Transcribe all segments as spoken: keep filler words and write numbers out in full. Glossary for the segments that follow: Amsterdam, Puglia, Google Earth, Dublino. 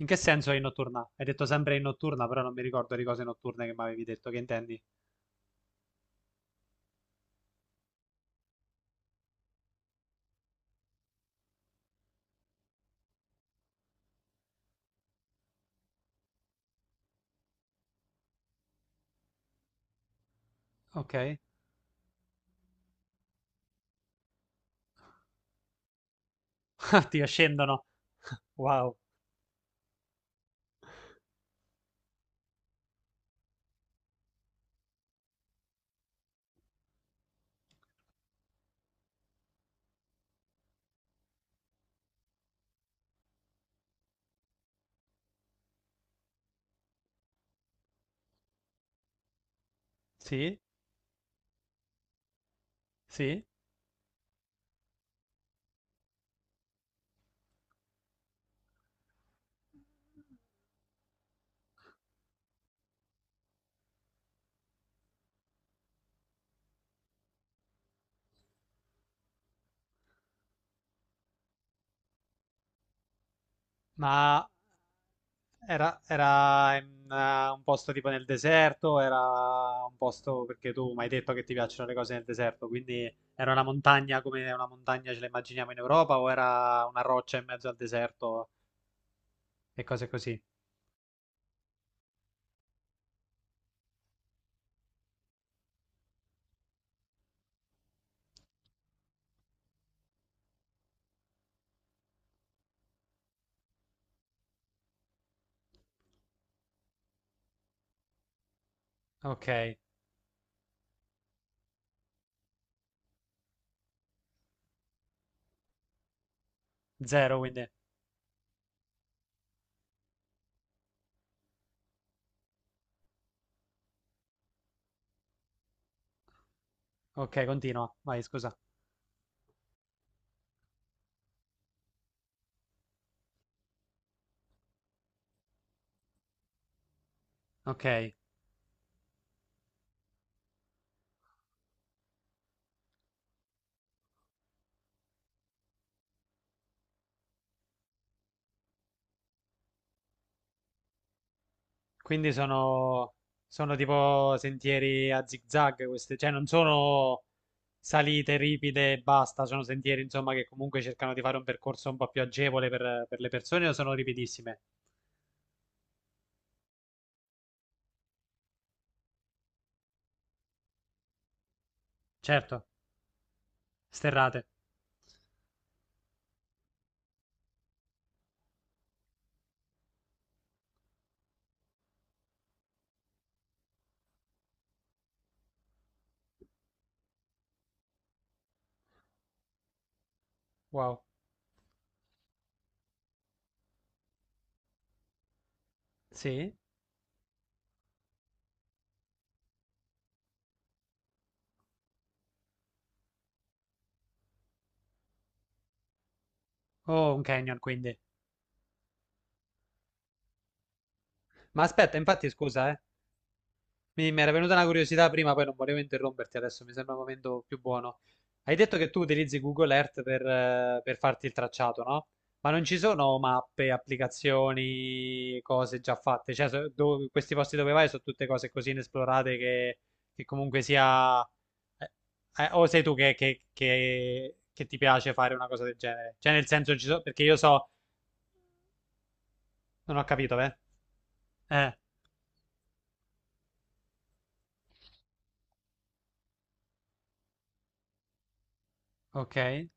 In che senso è in notturna? Hai detto sempre in notturna, però non mi ricordo di cose notturne che mi avevi detto, che intendi? Ok. Ah, ti scendono. Wow. Sì, sì. Ma era, era in, eh, un posto tipo nel deserto, era un posto perché tu mi hai detto che ti piacciono le cose nel deserto, quindi era una montagna come una montagna ce la immaginiamo in Europa o era una roccia in mezzo al deserto e cose così. Ok. Zero, quindi. Ok, continua. Vai, scusa. Ok. Quindi sono, sono tipo sentieri a zigzag, queste, cioè non sono salite ripide e basta, sono sentieri insomma che comunque cercano di fare un percorso un po' più agevole per, per le persone o sono ripidissime? Certo, sterrate. Wow. Sì? Oh, un canyon quindi. Ma aspetta, infatti scusa, eh. Mi, mi era venuta una curiosità prima, poi non volevo interromperti adesso, mi sembra il momento più buono. Hai detto che tu utilizzi Google Earth per, eh, per farti il tracciato, no? Ma non ci sono mappe, applicazioni, cose già fatte? Cioè, so- do- questi posti dove vai sono tutte cose così inesplorate che, che comunque sia... eh, eh, o sei tu che, che- che- che ti piace fare una cosa del genere? Cioè, nel senso, ci so- perché io so... Non ho capito, beh. Eh, ok.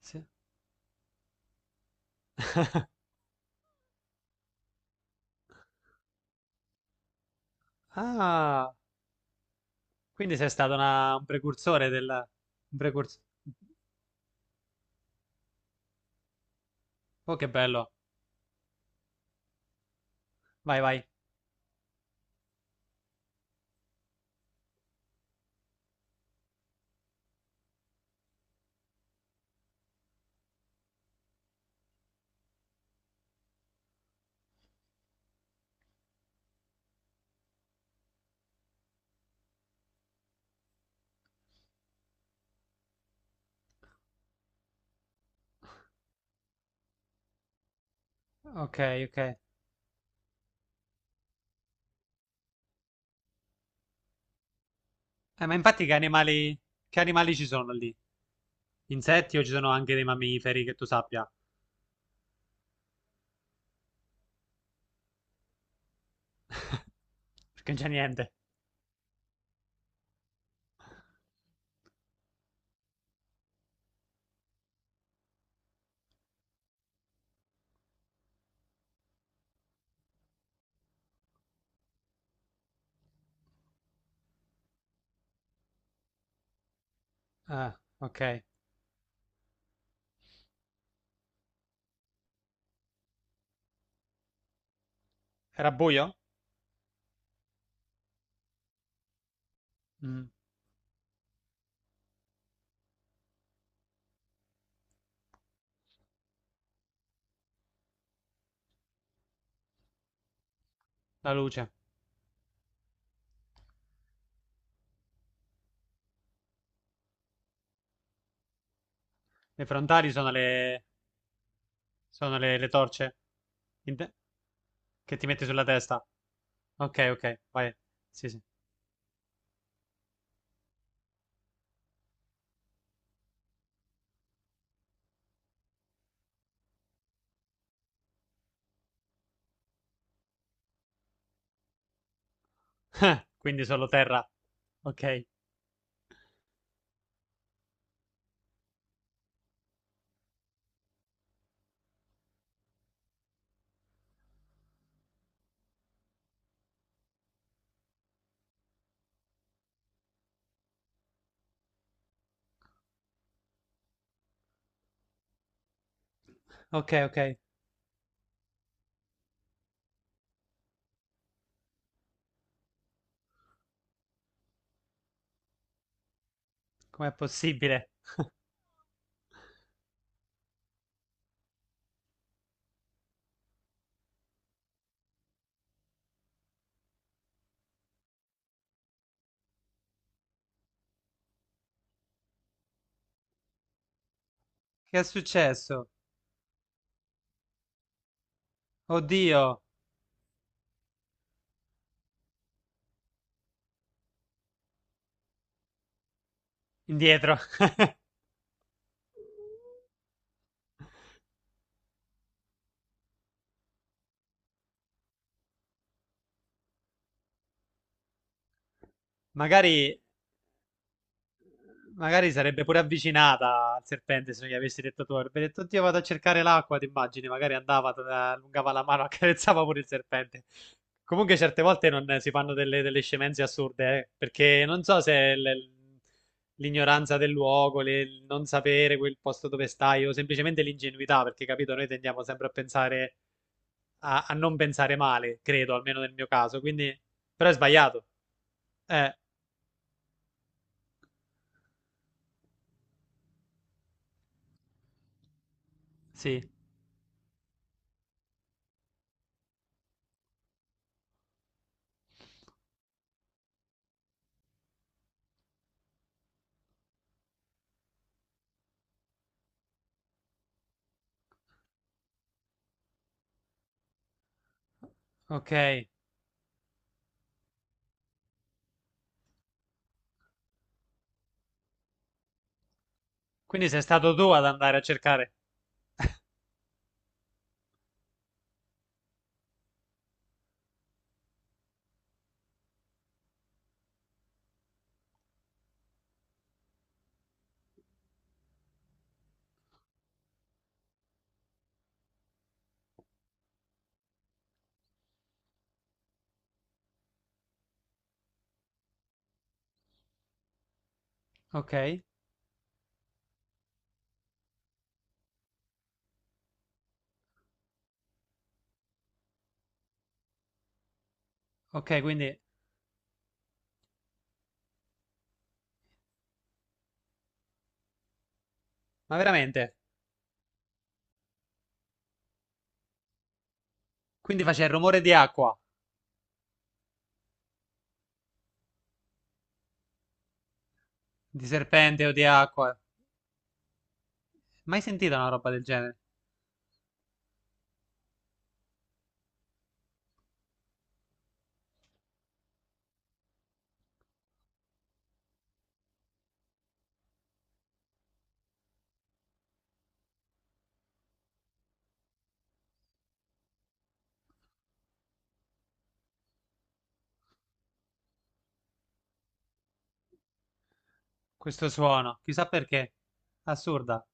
Sì. Ah, quindi sei stato una- un precursore del... Un precursore... Oh, che bello. Vai, vai. Ok, ok. Eh, ma infatti che animali... Che animali ci sono lì? Insetti o ci sono anche dei mammiferi che tu sappia? Perché non c'è niente. Ah, ok. Era buio? Mm, la luce. Le frontali sono le... Sono le, le torce in- te- che ti metti sulla testa. Ok, ok, vai. Sì, sì. Quindi solo terra. Ok. Ok, ok. Com'è possibile? Che è successo? Oddio, indietro. Magari, magari sarebbe pure avvicinata al serpente se non gli avessi detto tu. Avrebbe detto, oddio, vado a cercare l'acqua, ti immagini? Magari andava, t- allungava la mano, accarezzava pure il serpente. Comunque certe volte non, si fanno delle, delle scemenze assurde, eh, perché non so se l- l'ignoranza del luogo, le- il non sapere quel posto dove stai o semplicemente l'ingenuità, perché capito, noi tendiamo sempre a pensare, a, a non pensare male, credo, almeno nel mio caso, quindi... Però è sbagliato. Eh, sì. Ok, quindi sei stato tu ad andare a cercare. Ok, ok, quindi... Ma veramente? Quindi faceva il rumore di acqua, di serpente o di acqua. Mai sentita una roba del genere? Questo suono, chissà perché. Assurda.